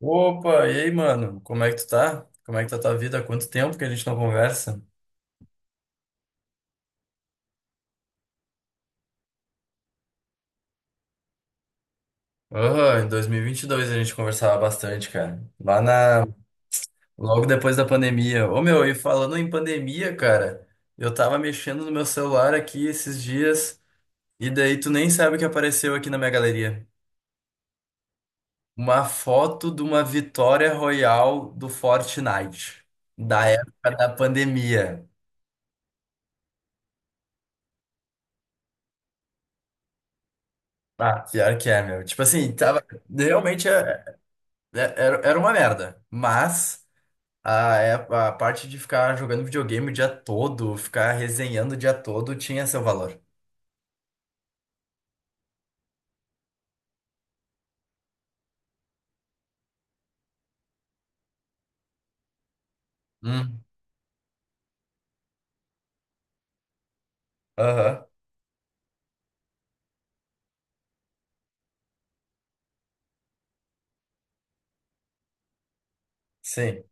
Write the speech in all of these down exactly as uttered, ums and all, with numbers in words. Opa, e aí, mano? Como é que tu tá? Como é que tá tua vida? Há quanto tempo que a gente não conversa? Aham, em dois mil e vinte e dois a gente conversava bastante, cara. Lá na... Logo depois da pandemia. Ô, meu, e falando em pandemia, cara, eu tava mexendo no meu celular aqui esses dias e daí tu nem sabe o que apareceu aqui na minha galeria. Uma foto de uma vitória royal do Fortnite, da época da pandemia. Ah, pior que é, meu. Tipo assim, tava... Realmente é. É- Era, era uma merda. Mas a, é- a parte de ficar jogando videogame o dia todo, ficar resenhando o dia todo, tinha seu valor. Hum. Aham, sim.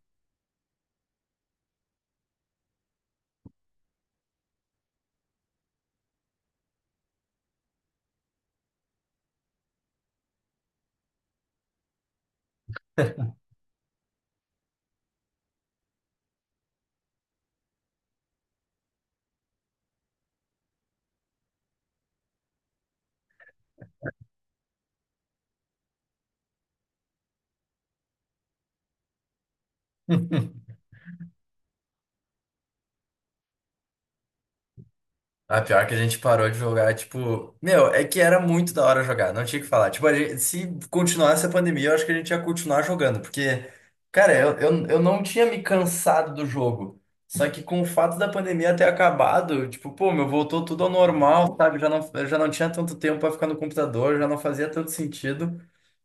Ah, pior que a gente parou de jogar, tipo, meu, é que era muito da hora jogar, não tinha o que falar. Tipo, a gente- se continuasse a pandemia, eu acho que a gente ia continuar jogando, porque, cara, eu, eu, eu não tinha me cansado do jogo. Só que com o fato da pandemia ter acabado, tipo, pô, meu, voltou tudo ao normal, sabe? Já não, eu já não tinha tanto tempo pra ficar no computador, já não fazia tanto sentido.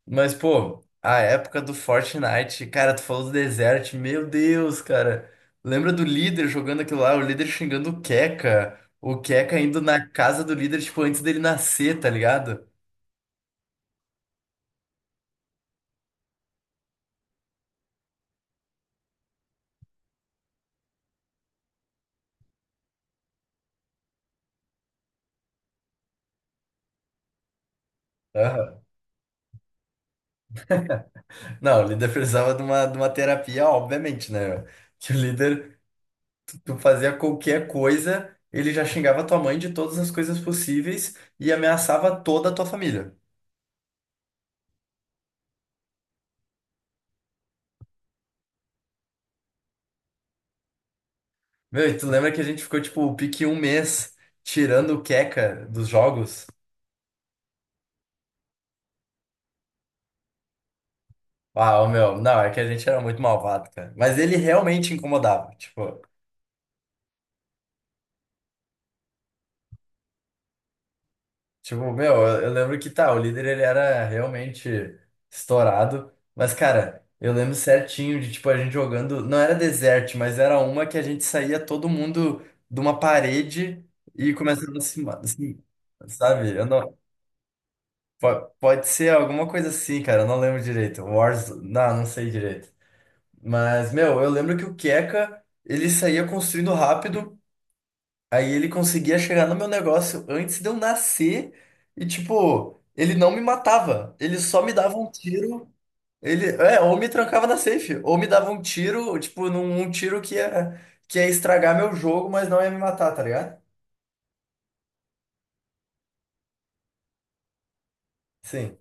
Mas, pô, a época do Fortnite, cara, tu falou do Desert, meu Deus, cara. Lembra do líder jogando aquilo lá, o líder xingando o Keka, o Keka indo na casa do líder, tipo, antes dele nascer, tá ligado? Aham. Não, o líder precisava de uma, de uma terapia, obviamente, né? Que o líder, tu fazia qualquer coisa, ele já xingava tua mãe de todas as coisas possíveis e ameaçava toda a tua família. Meu, e tu lembra que a gente ficou, tipo, o pique um mês tirando o Keka dos jogos? Uau, meu, não, é que a gente era muito malvado, cara. Mas ele realmente incomodava. Tipo, tipo, meu, eu, eu lembro que tá, o líder ele era realmente estourado. Mas, cara, eu lembro certinho de, tipo, a gente jogando. Não era desert, mas era uma que a gente saía todo mundo de uma parede e começava a se. ma- Assim, sabe? Eu não, po- pode ser alguma coisa assim, cara. Eu não lembro direito. Wars. Não, não sei direito. Mas, meu, eu lembro que o Keka, ele saía construindo rápido. Aí ele conseguia chegar no meu negócio antes de eu nascer e, tipo, ele não me matava. Ele só me dava um tiro. Ele, é, ou me trancava na safe, ou me dava um tiro, tipo, num um tiro que ia, que ia estragar meu jogo, mas não ia me matar, tá ligado? Sim.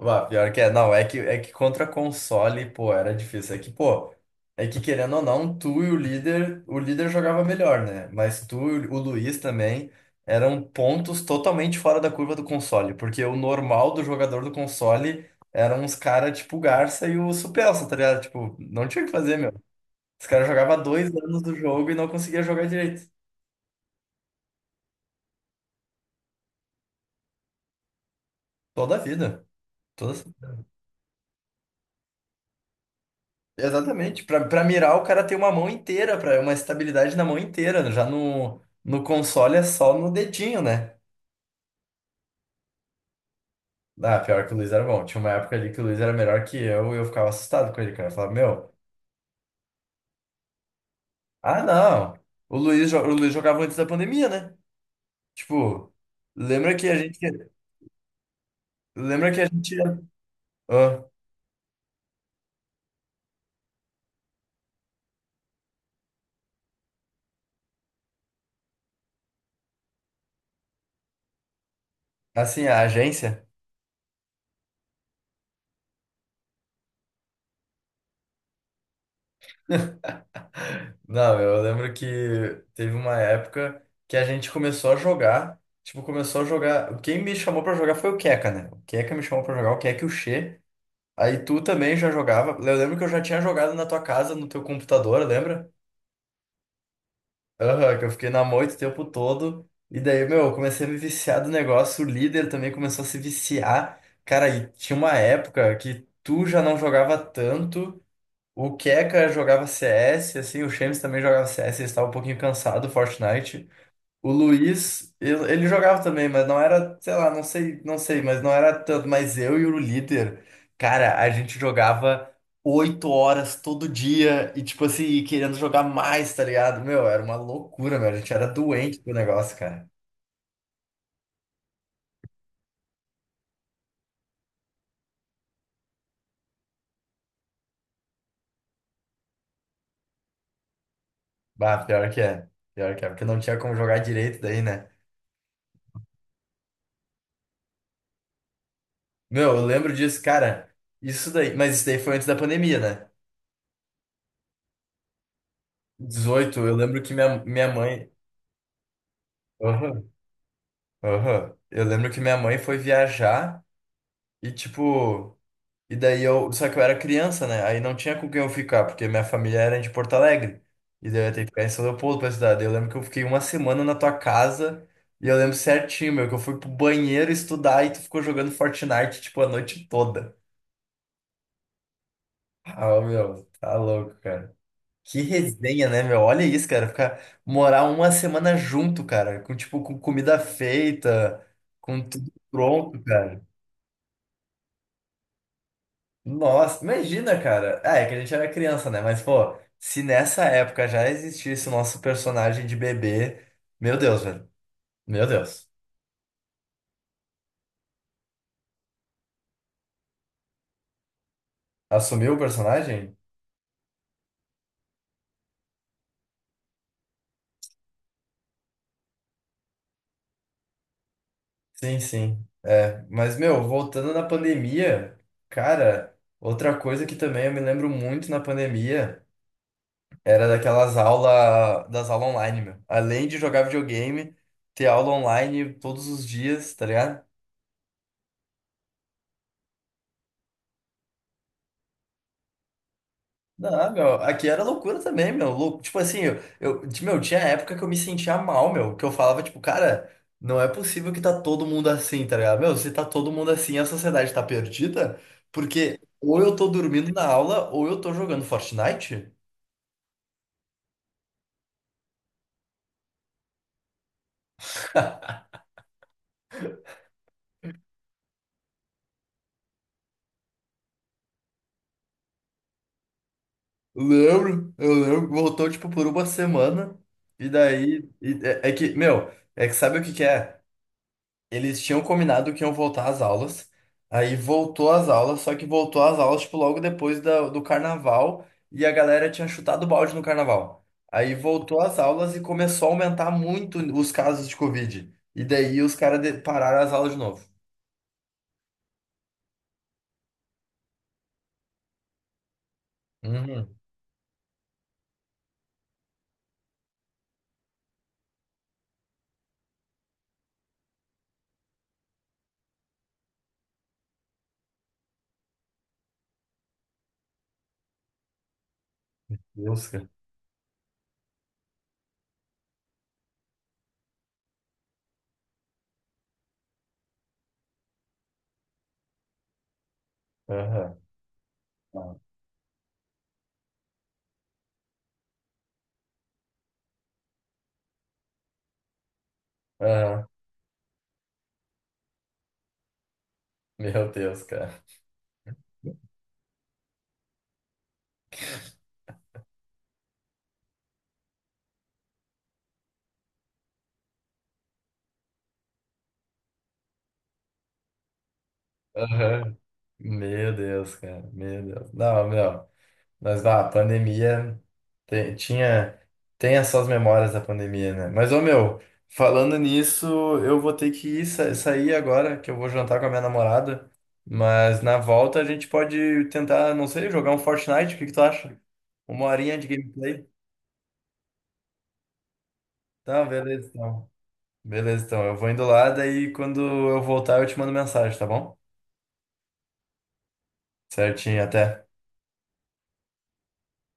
Bah, pior que é, não, é que, é que contra console, pô, era difícil. É que, pô, é que querendo ou não, tu e o líder, o líder jogava melhor, né? Mas tu e o Luiz também eram pontos totalmente fora da curva do console, porque o normal do jogador do console eram uns caras tipo o Garça e o Supelsa, tá ligado? Tipo, não tinha o que fazer, meu. Os caras jogavam dois anos do jogo e não conseguia jogar direito. Toda a vida. Exatamente. Pra pra mirar, o cara tem uma mão inteira, para uma estabilidade na mão inteira. Já no, no console é só no dedinho, né? Ah, pior que o Luiz era bom. Tinha uma época ali que o Luiz era melhor que eu e eu ficava assustado com ele, cara. Eu falava, meu, ah, não. O Luiz, jo- o Luiz jogava antes da pandemia, né? Tipo, lembra que a gente. Lembra que a gente. Ah, assim, a agência. Não, eu lembro que teve uma época que a gente começou a jogar. Tipo, começou a jogar. Quem me chamou pra jogar foi o Keka, né? O Keka me chamou pra jogar, o Keka e o Xê. Aí tu também já jogava. Eu lembro que eu já tinha jogado na tua casa, no teu computador, lembra? Aham, que eu fiquei na moita o tempo todo. E daí, meu, eu comecei a me viciar do negócio. O líder também começou a se viciar. Cara, e tinha uma época que tu já não jogava tanto. O Keka jogava C S, assim, o Shemes também jogava C S, ele estava um pouquinho cansado, do Fortnite. O Luiz, eu- ele jogava também, mas não era, sei lá, não sei, não sei, mas não era tanto. Mas eu e o líder, cara, a gente jogava oito horas todo dia e, tipo assim, e querendo jogar mais, tá ligado? Meu, era uma loucura, meu, a gente era doente do negócio, cara. Bah, pior que é, pior que é, porque não tinha como jogar direito daí, né? Meu, eu lembro disso, cara, isso daí, mas isso daí foi antes da pandemia, né? Dezoito eu lembro que minha, minha mãe. Aham, aham. Eu lembro que minha mãe foi viajar e, tipo. E daí eu. Só que eu era criança, né? Aí não tinha com quem eu ficar, porque minha família era de Porto Alegre. E daí eu ia ter que ficar em São Leopoldo pra estudar. Daí eu lembro que eu fiquei uma semana na tua casa e eu lembro certinho, meu, que eu fui pro banheiro estudar e tu ficou jogando Fortnite, tipo, a noite toda. Ah, meu, tá louco, cara. Que resenha, né, meu? Olha isso, cara. Ficar morar uma semana junto, cara. Com, tipo, com comida feita, com tudo pronto, cara. Nossa, imagina, cara. Ah, é que a gente era criança, né? Mas, pô, se nessa época já existisse o nosso personagem de bebê. Meu Deus, velho. Meu Deus. Assumiu o personagem? Sim, sim. É. Mas, meu, voltando na pandemia, cara, outra coisa que também eu me lembro muito na pandemia. Era daquelas aulas, das aulas online, meu. Além de jogar videogame, ter aula online todos os dias, tá ligado? Não, meu, aqui era loucura também, meu. Lou- Tipo assim, eu, eu, t- meu, tinha época que eu me sentia mal, meu, que eu falava, tipo, cara, não é possível que tá todo mundo assim, tá ligado? Meu, se tá todo mundo assim, a sociedade tá perdida, porque ou eu tô dormindo na aula, ou eu tô jogando Fortnite. Lembro, eu lembro, voltou, tipo, por uma semana, e daí, e- é é que, meu, é que sabe o que que é? Eles tinham combinado que iam voltar às aulas. Aí voltou às aulas, só que voltou às aulas, tipo, logo depois da- do carnaval. E a galera tinha chutado o balde no carnaval. Aí voltou às aulas e começou a aumentar muito os casos de Covid. E daí os caras de- pararam as aulas de novo. Uhum. Deus, cara. Aham. Aham. Meu Deus, cara. Aham. Meu Deus, cara. Meu Deus. Não, meu. Mas ah, a pandemia tem, tinha, tem essas memórias da pandemia, né? Mas, ô meu, falando nisso, eu vou ter que ir, sa- sair agora, que eu vou jantar com a minha namorada. Mas na volta a gente pode tentar, não sei, jogar um Fortnite, o que que tu acha? Uma horinha de gameplay? Tá, beleza então. Beleza então, eu vou indo lá, daí quando eu voltar eu te mando mensagem, tá bom? Certinho, até.